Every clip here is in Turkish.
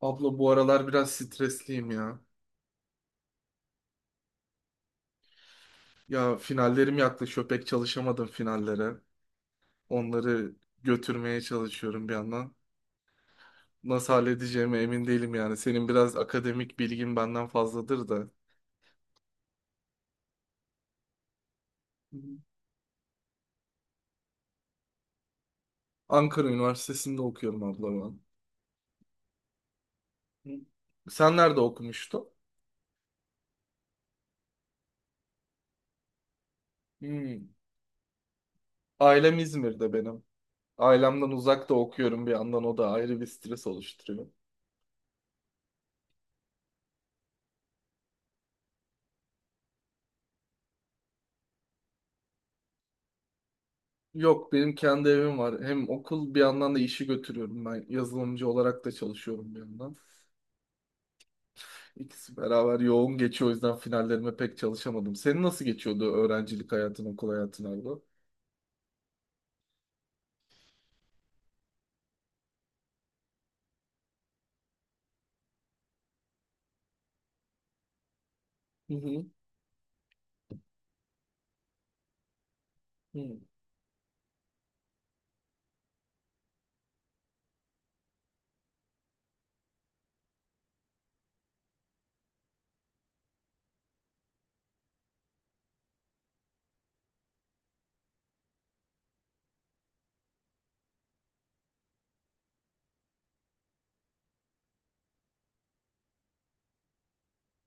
Abla bu aralar biraz stresliyim ya. Ya finallerim yaklaşıyor. Pek çalışamadım finallere. Onları götürmeye çalışıyorum bir yandan. Nasıl halledeceğime emin değilim yani. Senin biraz akademik bilgin benden fazladır da. Hı. Ankara Üniversitesi'nde okuyorum abla ben. Hı. Sen nerede okumuştun? Hmm. Ailem İzmir'de benim. Ailemden uzakta okuyorum bir yandan, o da ayrı bir stres oluşturuyor. Yok, benim kendi evim var. Hem okul bir yandan da işi götürüyorum ben. Yazılımcı olarak da çalışıyorum bir yandan. İkisi beraber yoğun geçiyor. O yüzden finallerime pek çalışamadım. Senin nasıl geçiyordu öğrencilik hayatın, okul hayatın abla? Hı hı. Hı.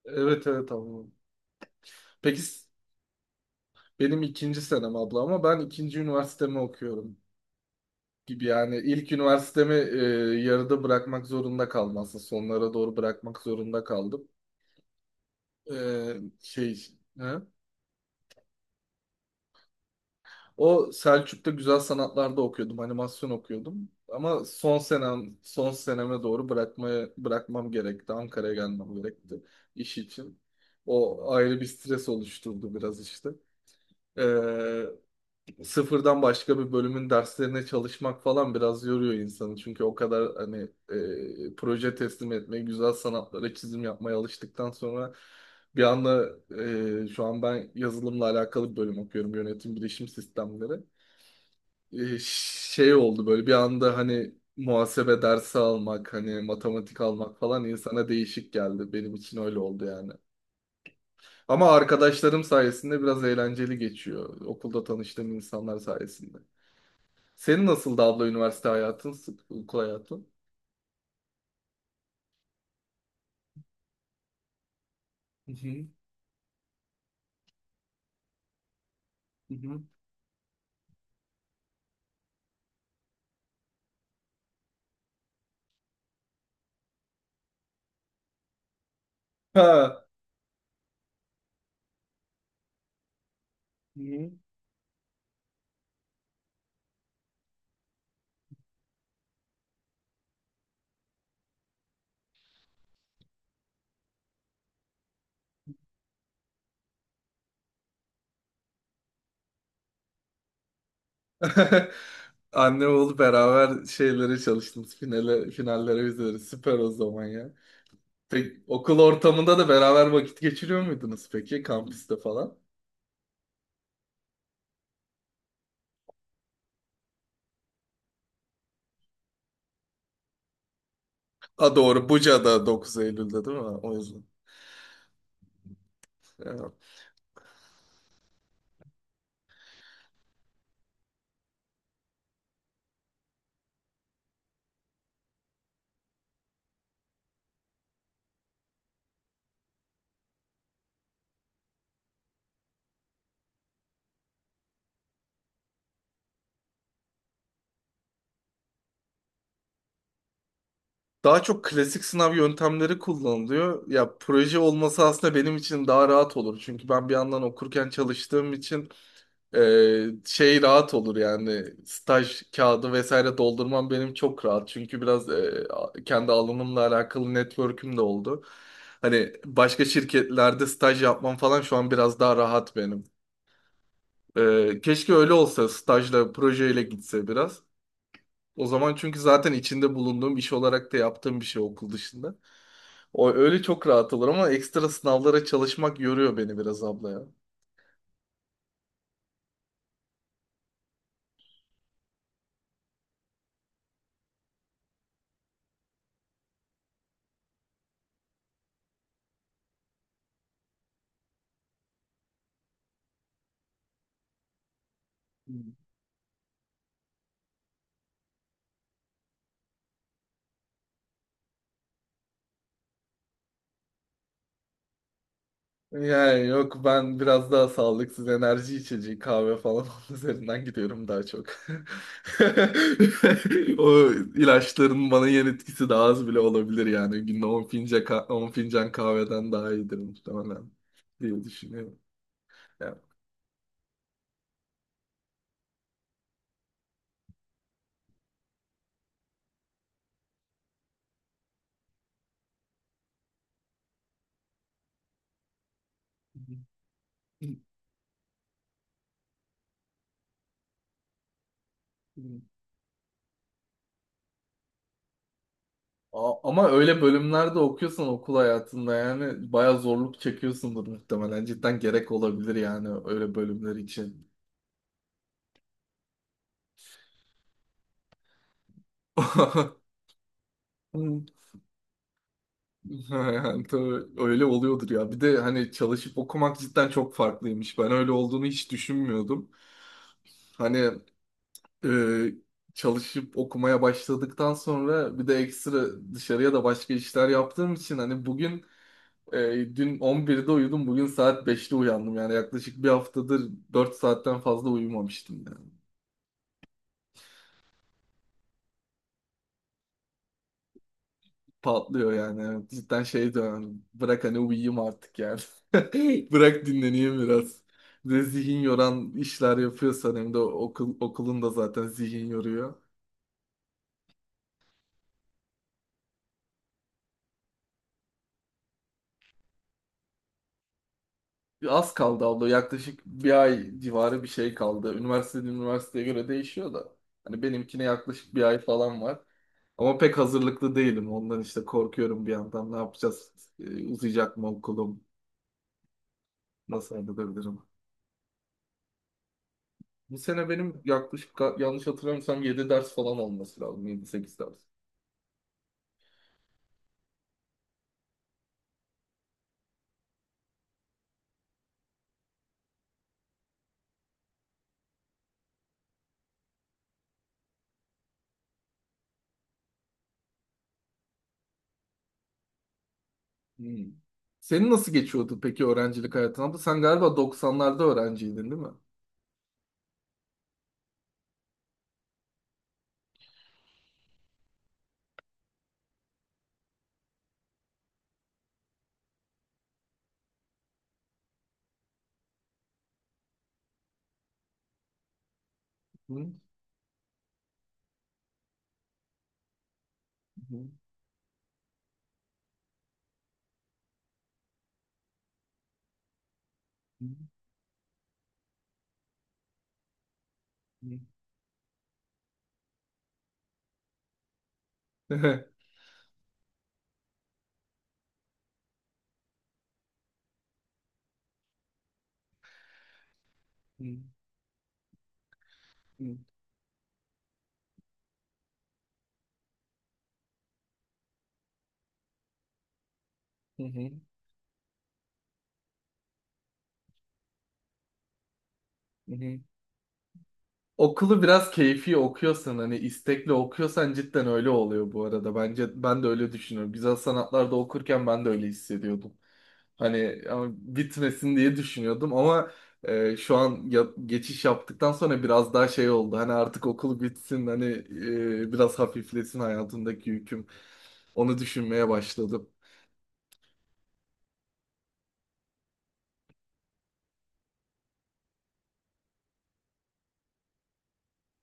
Evet evet abla. Peki benim ikinci senem abla, ama ben ikinci üniversitemi okuyorum gibi yani. İlk üniversitemi yarıda bırakmak zorunda kaldım aslında, sonlara doğru bırakmak zorunda kaldım. E, şey he? O Selçuk'ta güzel sanatlarda okuyordum, animasyon okuyordum. Ama son senem, son seneme doğru bırakmam gerekti. Ankara'ya gelmem gerekti iş için. O ayrı bir stres oluşturdu biraz işte. Ee, sıfırdan başka bir bölümün derslerine çalışmak falan biraz yoruyor insanı. Çünkü o kadar hani proje teslim etmeye, güzel sanatlara çizim yapmaya alıştıktan sonra bir anda şu an ben yazılımla alakalı bir bölüm okuyorum. Yönetim bilişim sistemleri e, oldu böyle bir anda, hani muhasebe dersi almak, hani matematik almak falan insana değişik geldi. Benim için öyle oldu yani. Ama arkadaşlarım sayesinde biraz eğlenceli geçiyor. Okulda tanıştığım insanlar sayesinde. Senin nasıldı abla üniversite hayatın, okul hayatın? Hı hı, hı hı, ha. Hı hı. Anne oğlu beraber şeylere çalıştınız. Finale, finallere üzeri. Süper o zaman ya. Peki, okul ortamında da beraber vakit geçiriyor muydunuz peki, kampüste falan? Ha, doğru, Buca'da 9 Eylül'de değil mi? O yüzden. Evet. Daha çok klasik sınav yöntemleri kullanılıyor. Ya proje olması aslında benim için daha rahat olur. Çünkü ben bir yandan okurken çalıştığım için rahat olur yani, staj kağıdı vesaire doldurmam benim çok rahat. Çünkü biraz kendi alanımla alakalı network'üm de oldu. Hani başka şirketlerde staj yapmam falan şu an biraz daha rahat benim. Keşke öyle olsa, stajla, projeyle gitse biraz. O zaman, çünkü zaten içinde bulunduğum iş olarak da yaptığım bir şey okul dışında. O öyle çok rahat olur ama ekstra sınavlara çalışmak yoruyor beni biraz abla ya. Hmm. Yani yok, ben biraz daha sağlıksız enerji içeceği, kahve falan onun üzerinden gidiyorum daha çok. O ilaçların bana yan etkisi daha az bile olabilir yani. Günde 10 fincan, 10 fincan kahveden daha iyidir muhtemelen diye düşünüyorum. Yani. Ama öyle bölümlerde okuyorsan okul hayatında yani bayağı zorluk çekiyorsundur muhtemelen. Cidden gerek olabilir yani, öyle bölümler için. Ha. Tabii öyle oluyordur ya. Bir de hani çalışıp okumak cidden çok farklıymış. Ben öyle olduğunu hiç düşünmüyordum. Hani e, çalışıp okumaya başladıktan sonra bir de ekstra dışarıya da başka işler yaptığım için hani bugün e, dün 11'de uyudum, bugün saat 5'te uyandım. Yani yaklaşık bir haftadır 4 saatten fazla uyumamıştım yani. Patlıyor yani. Evet, cidden şey dönem. Bırak hani, uyuyayım artık yani. Bırak, dinleneyim biraz. Bir de zihin yoran işler yapıyorsan, hem de okul, okulun da zaten zihin yoruyor. Az kaldı abla. Yaklaşık bir ay civarı bir şey kaldı. Üniversiteden üniversiteye göre değişiyor da. Hani benimkine yaklaşık bir ay falan var. Ama pek hazırlıklı değilim. Ondan işte korkuyorum bir yandan. Ne yapacağız? Uzayacak mı okulum? Nasıl halledebilirim? Bu sene benim yaklaşık yanlış hatırlamıyorsam 7 ders falan olması lazım. Yedi sekiz ders. Hmm. Senin nasıl geçiyordu peki öğrencilik hayatın? Ama sen galiba doksanlarda öğrenciydin değil mi? Hı hı. Hı hı. Hı hı, hı hı. Okulu biraz keyfi okuyorsan hani istekli okuyorsan cidden öyle oluyor bu arada. Bence ben de öyle düşünüyorum. Güzel sanatlarda okurken ben de öyle hissediyordum. Hani ama bitmesin diye düşünüyordum, ama şu an geçiş yaptıktan sonra biraz daha şey oldu. Hani artık okul bitsin, hani biraz hafiflesin hayatımdaki yüküm. Onu düşünmeye başladım.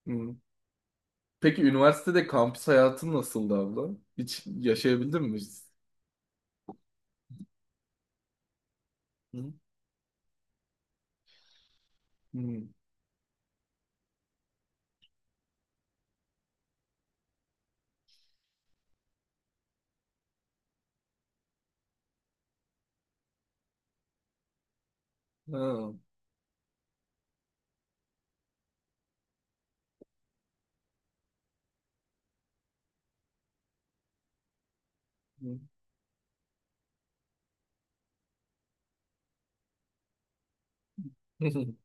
Hı. Peki üniversitede kampüs hayatın nasıldı abla? Hiç yaşayabildin mi? Hı. Hı. Ha. Hı.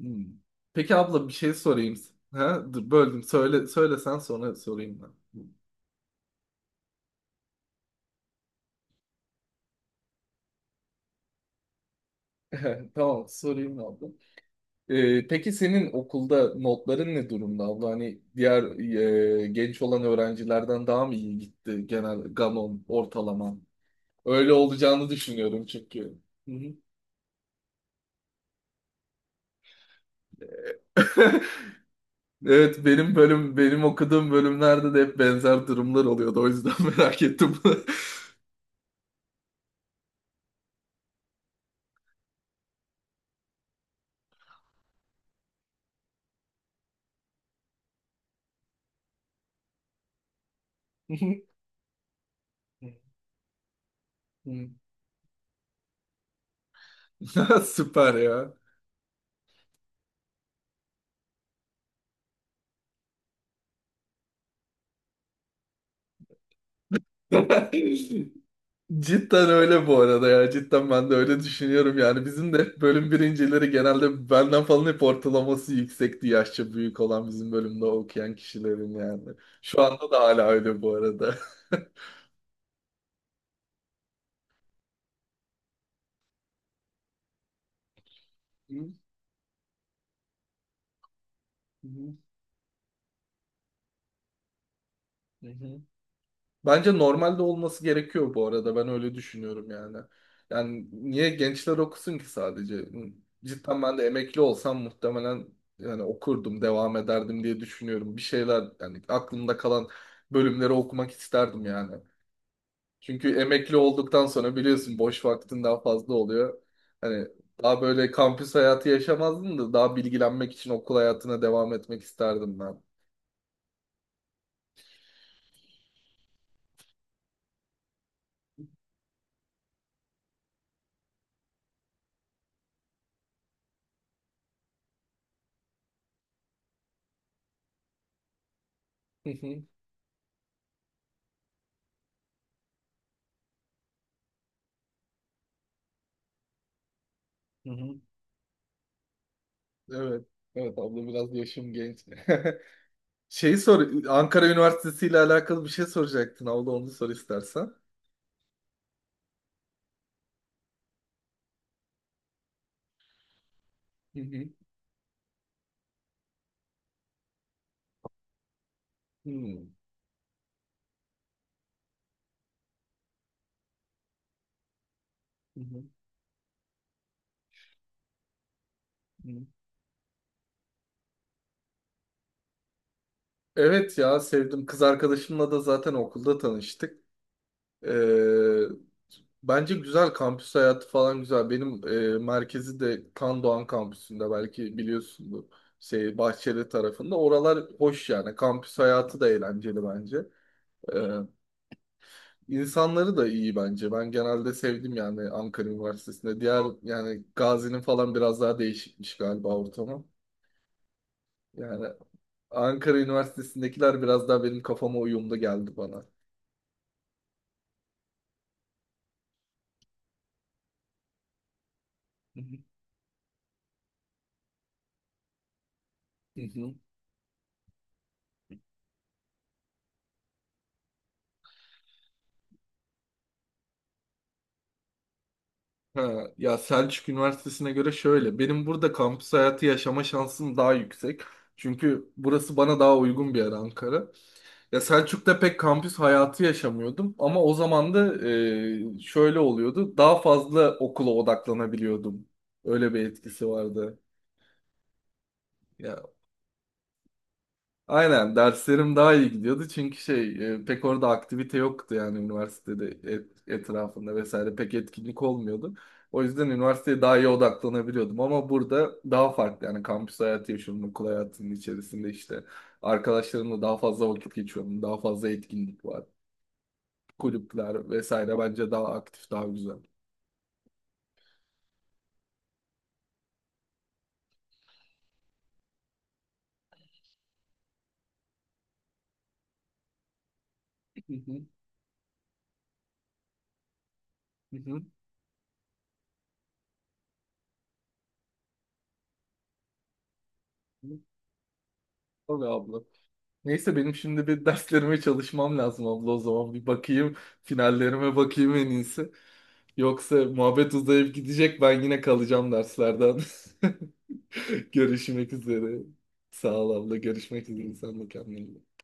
Hmm. Peki abla bir şey sorayım. Ha? Dur, böldüm. Söylesen sonra sorayım ben. Tamam, sorayım abla. Peki senin okulda notların ne durumda abla? Hani diğer genç olan öğrencilerden daha mı iyi gitti genel gamon ortalaman? Öyle olacağını düşünüyorum çünkü. Hı hı. Evet, benim okuduğum bölümlerde de hep benzer durumlar oluyordu. O yüzden merak ettim. Hı hı. Süper ya. Cidden öyle bu arada ya. Cidden ben de öyle düşünüyorum yani. Bizim de hep bölüm birincileri genelde benden falan hep ortalaması yüksekti, yaşça büyük olan bizim bölümde okuyan kişilerin yani. Şu anda da hala öyle bu arada. Hı hı. Hı hı. Bence normalde olması gerekiyor bu arada. Ben öyle düşünüyorum yani. Yani niye gençler okusun ki sadece? Cidden ben de emekli olsam muhtemelen yani okurdum, devam ederdim diye düşünüyorum. Bir şeyler yani, aklımda kalan bölümleri okumak isterdim yani. Çünkü emekli olduktan sonra biliyorsun boş vaktin daha fazla oluyor. Hani daha böyle kampüs hayatı yaşamazdım da daha bilgilenmek için okul hayatına devam etmek isterdim ben. Hı hı, hı hı. Evet. Evet abla, biraz yaşım genç. Şeyi sor, Ankara Üniversitesi ile alakalı bir şey soracaktın abla, onu sor istersen. Hı hı. Hı hı. Hı hı. Hı. Evet ya, sevdim. Kız arkadaşımla da zaten okulda tanıştık. Ee, bence güzel, kampüs hayatı falan güzel. Benim merkezi de Kan Doğan kampüsünde, belki biliyorsundur. Bahçeli tarafında. Oralar hoş yani. Kampüs hayatı da eğlenceli bence. Ee, İnsanları da iyi bence. Ben genelde sevdim yani Ankara Üniversitesi'nde. Diğer, yani Gazi'nin falan biraz daha değişikmiş galiba ortamı. Yani Ankara Üniversitesi'ndekiler biraz daha benim kafama uyumlu geldi bana. Hı hı. Hı hı. Ha, ya Selçuk Üniversitesi'ne göre şöyle. Benim burada kampüs hayatı yaşama şansım daha yüksek. Çünkü burası bana daha uygun bir yer, Ankara. Ya Selçuk'ta pek kampüs hayatı yaşamıyordum, ama o zaman da şöyle oluyordu. Daha fazla okula odaklanabiliyordum. Öyle bir etkisi vardı. Ya aynen, derslerim daha iyi gidiyordu çünkü pek orada aktivite yoktu yani, üniversitede etrafında vesaire pek etkinlik olmuyordu. O yüzden üniversiteye daha iyi odaklanabiliyordum, ama burada daha farklı yani kampüs hayatı yaşıyorum okul hayatının içerisinde işte, arkadaşlarımla daha fazla vakit geçiyorum, daha fazla etkinlik var. Kulüpler vesaire bence daha aktif, daha güzel. Hı hı, hı hı. Tabii abla. Neyse, benim şimdi bir derslerime çalışmam lazım abla, o zaman. Bir bakayım, finallerime bakayım en iyisi. Yoksa muhabbet uzayıp gidecek, ben yine kalacağım derslerden. Görüşmek üzere. Sağ ol abla. Görüşmek üzere. Sen de kendine iyi bak.